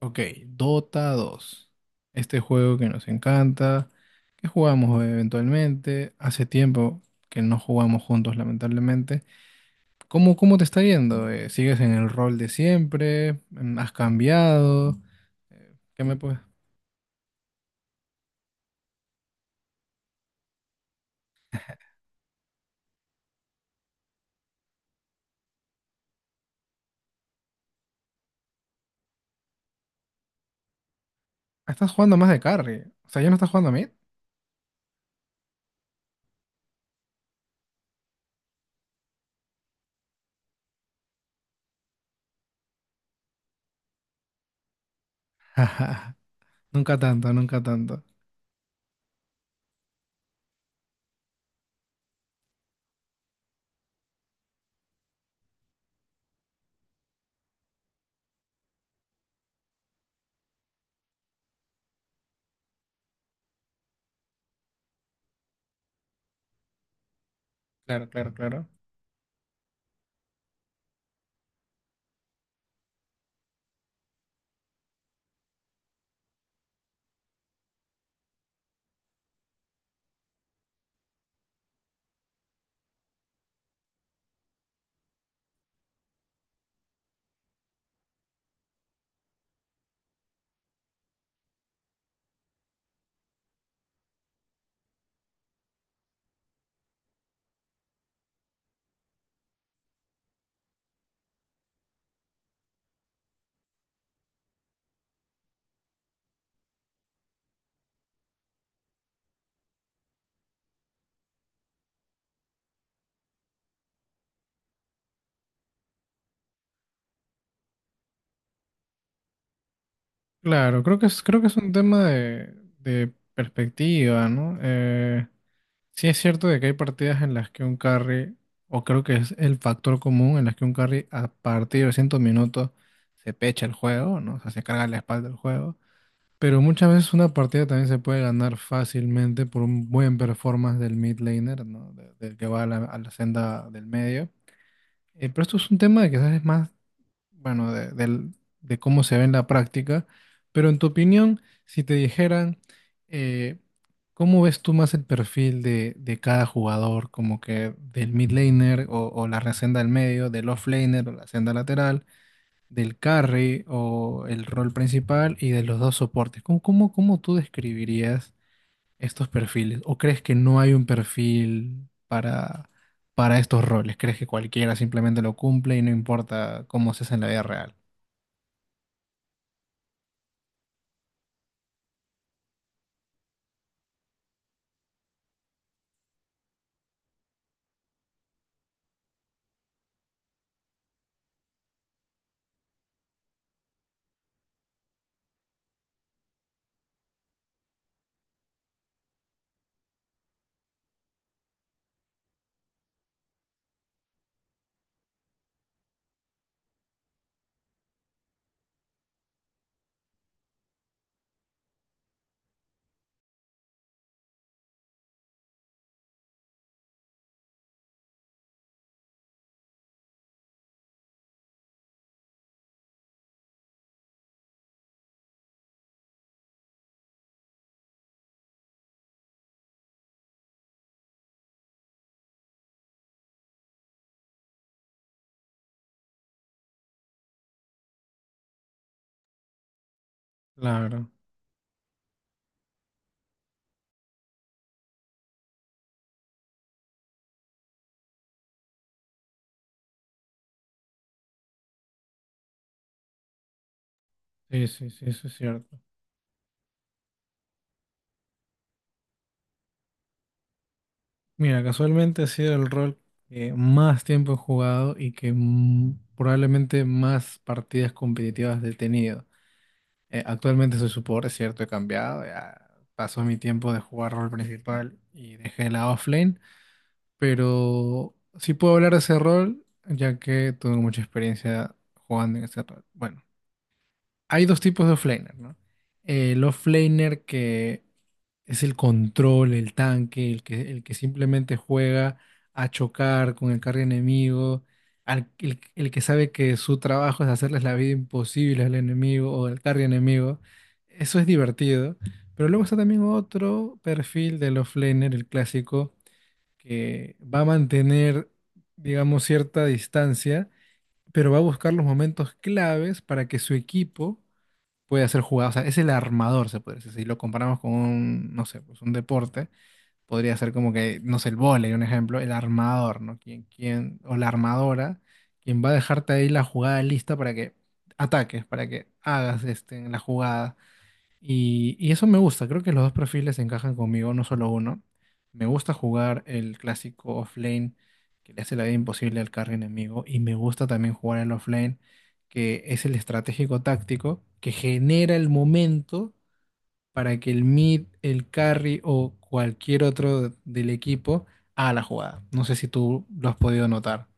Ok, Dota dos, este juego que nos encanta, que jugamos eventualmente. Hace tiempo que no jugamos juntos, lamentablemente. ¿Cómo te está yendo? ¿sigues en el rol de siempre? ¿Has cambiado? ¿Qué me puedes...? Ah, estás jugando más de carry. O sea, ¿ya no estás jugando a mid? Nunca tanto, nunca tanto. Claro, claro, claro. Claro, creo que es un tema de perspectiva, ¿no? Sí es cierto de que hay partidas en las que un carry, o creo que es el factor común en las que un carry a partir de 100 minutos se pecha el juego, ¿no? O sea, se carga la espalda del juego. Pero muchas veces una partida también se puede ganar fácilmente por un buen performance del mid laner, ¿no? Del que va a la senda del medio. Pero esto es un tema de que quizás es más bueno, de, de cómo se ve en la práctica, pero en tu opinión, si te dijeran, eh, ¿cómo ves tú más el perfil de cada jugador, como que del mid laner o la senda del medio, del off laner o la senda lateral, del carry o el rol principal y de los dos soportes? ¿Cómo tú describirías estos perfiles? ¿O crees que no hay un perfil para estos roles, ¿crees que cualquiera simplemente lo cumple y no importa cómo se hace en la vida real? Claro, sí, sí, sí, eso es cierto. Mira, casualmente ha sido el rol que más tiempo he jugado y que probablemente más partidas competitivas he tenido. Actualmente soy support, es cierto, he cambiado, ya pasó mi tiempo de jugar rol principal y dejé la offlane, pero sí puedo hablar de ese rol ya que tuve mucha experiencia jugando en ese rol. Bueno, hay dos tipos de offlaner, ¿no? El offlaner que es el control, el tanque, el que simplemente juega a chocar con el carry enemigo, el que sabe que su trabajo es hacerles la vida imposible al enemigo o al carry enemigo. Eso es divertido. Pero luego está también otro perfil del offlaner, el clásico, que va a mantener, digamos, cierta distancia, pero va a buscar los momentos claves para que su equipo puede hacer jugadas, o sea, es el armador, se puede decir. Si lo comparamos con un, no sé, pues un deporte, podría ser como que, no sé, el vóley, un ejemplo, el armador, ¿no? Quien, quien, o la armadora, quien va a dejarte ahí la jugada lista para que ataques, para que hagas este, la jugada. Y eso me gusta, creo que los dos perfiles encajan conmigo, no solo uno. Me gusta jugar el clásico offlane que le hace la vida imposible al carry enemigo y me gusta también jugar el offlane que es el estratégico táctico que genera el momento para que el mid, el carry o cualquier otro del equipo haga la jugada. No sé si tú lo has podido notar.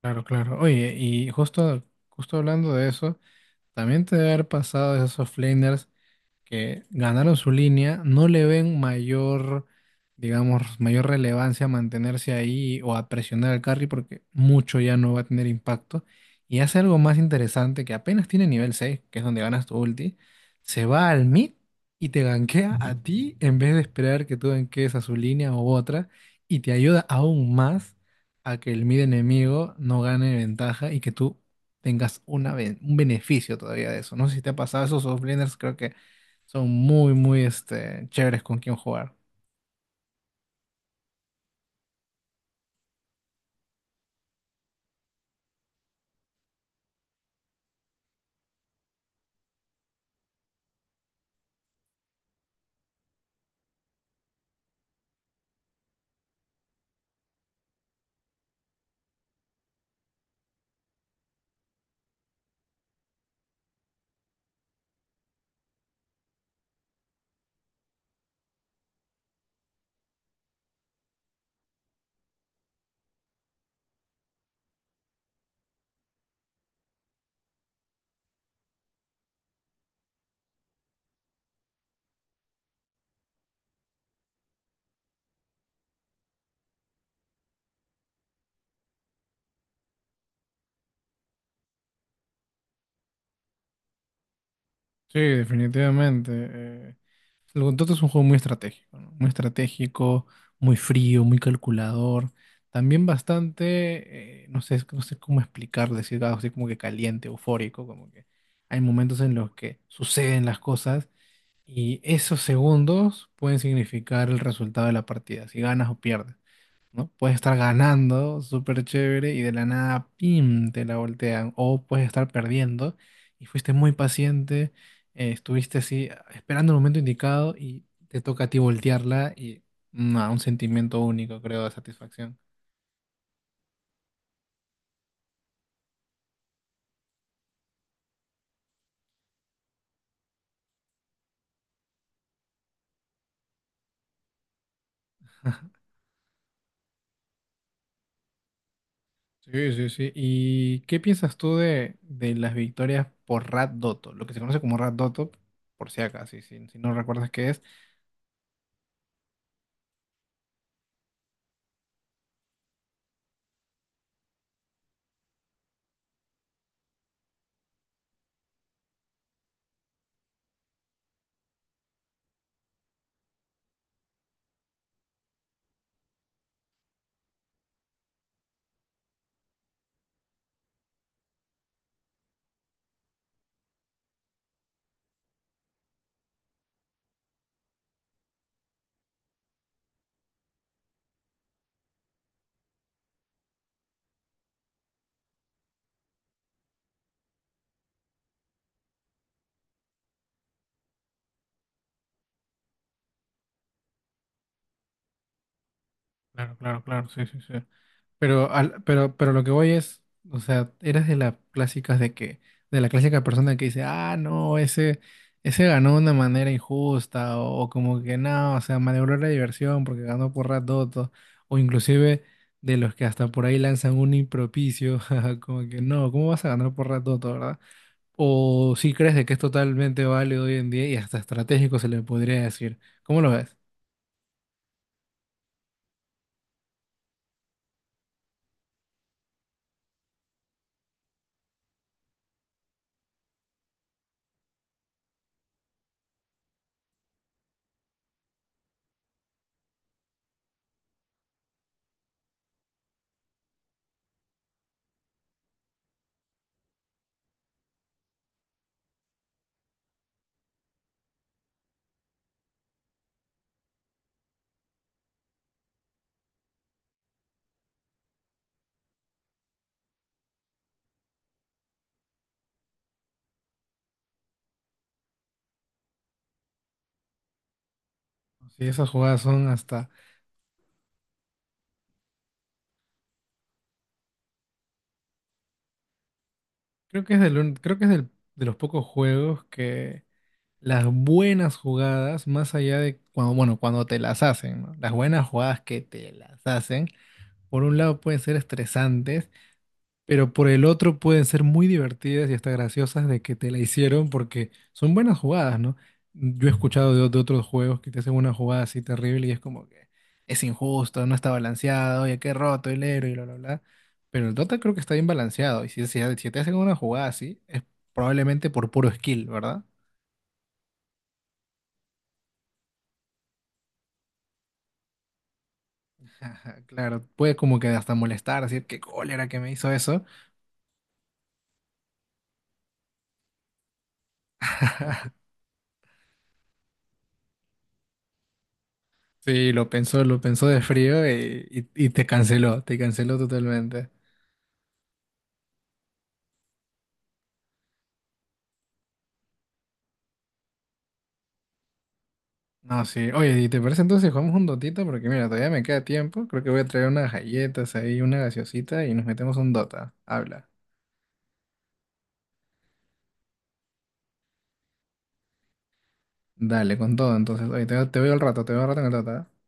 Claro, claro. Oye, y justo hablando de eso, también te debe haber pasado de esos offlaners que ganaron su línea, no le ven mayor, digamos, mayor relevancia a mantenerse ahí o a presionar al carry porque mucho ya no va a tener impacto. Y hace algo más interesante que apenas tiene nivel 6 que es donde ganas tu ulti, se va al mid y te gankea a ti en vez de esperar que tú gankees a su línea u otra y te ayuda aún más a que el mid enemigo no gane ventaja y que tú tengas una, un beneficio todavía de eso. No sé si te ha pasado esos offlaners, creo que son muy este, chéveres con quien jugar. Sí, definitivamente. El Gontoto es un juego muy estratégico, ¿no? Muy estratégico, muy frío, muy calculador. También bastante, no sé, no sé cómo explicarlo, decir algo así como que caliente, eufórico, como que hay momentos en los que suceden las cosas y esos segundos pueden significar el resultado de la partida, si ganas o pierdes. ¿No? Puedes estar ganando, súper chévere, y de la nada, ¡pim!, te la voltean. O puedes estar perdiendo y fuiste muy paciente, estuviste así esperando el momento indicado y te toca a ti voltearla y no, un sentimiento único, creo, de satisfacción. Sí, sí, sí. ¿Y qué piensas tú de las victorias por Rat Dotto? Lo que se conoce como Rat Dotto, por si acaso, si no recuerdas qué es. Claro, claro, claro, sí, sí, sí. Pero lo que voy es, o sea, eres de las clásicas de que, de la clásica persona que dice, ah, no, ese ganó de una manera injusta, o como que no, o sea, malogró la diversión porque ganó por ratoto, o inclusive de los que hasta por ahí lanzan un impropicio, jaja, como que no, ¿cómo vas a ganar por ratoto, verdad? O si crees de que es totalmente válido hoy en día y hasta estratégico se le podría decir. ¿Cómo lo ves? Si esas jugadas son hasta Creo que es del un- creo que es del- de los pocos juegos que las buenas jugadas, más allá de cuando, bueno, cuando te las hacen, ¿no? Las buenas jugadas que te las hacen, por un lado pueden ser estresantes pero por el otro pueden ser muy divertidas y hasta graciosas de que te la hicieron porque son buenas jugadas, ¿no? Yo he escuchado de otros juegos que te hacen una jugada así terrible y es como que es injusto, no está balanceado, oye, qué roto el héroe y bla, bla, bla. Pero el Dota creo que está bien balanceado y si te hacen una jugada así es probablemente por puro skill, ¿verdad? Ajá, claro, puede como que hasta molestar, decir qué cólera que me hizo eso. Sí, lo pensó de frío y, y te canceló totalmente. No, sí. Oye, ¿y te parece entonces si jugamos un dotita? Porque mira, todavía me queda tiempo. Creo que voy a traer unas galletas ahí, una gaseosita y nos metemos un dota. Habla. Dale, con todo entonces. Oye, te veo al rato, te veo al rato en el dota. ¿Eh?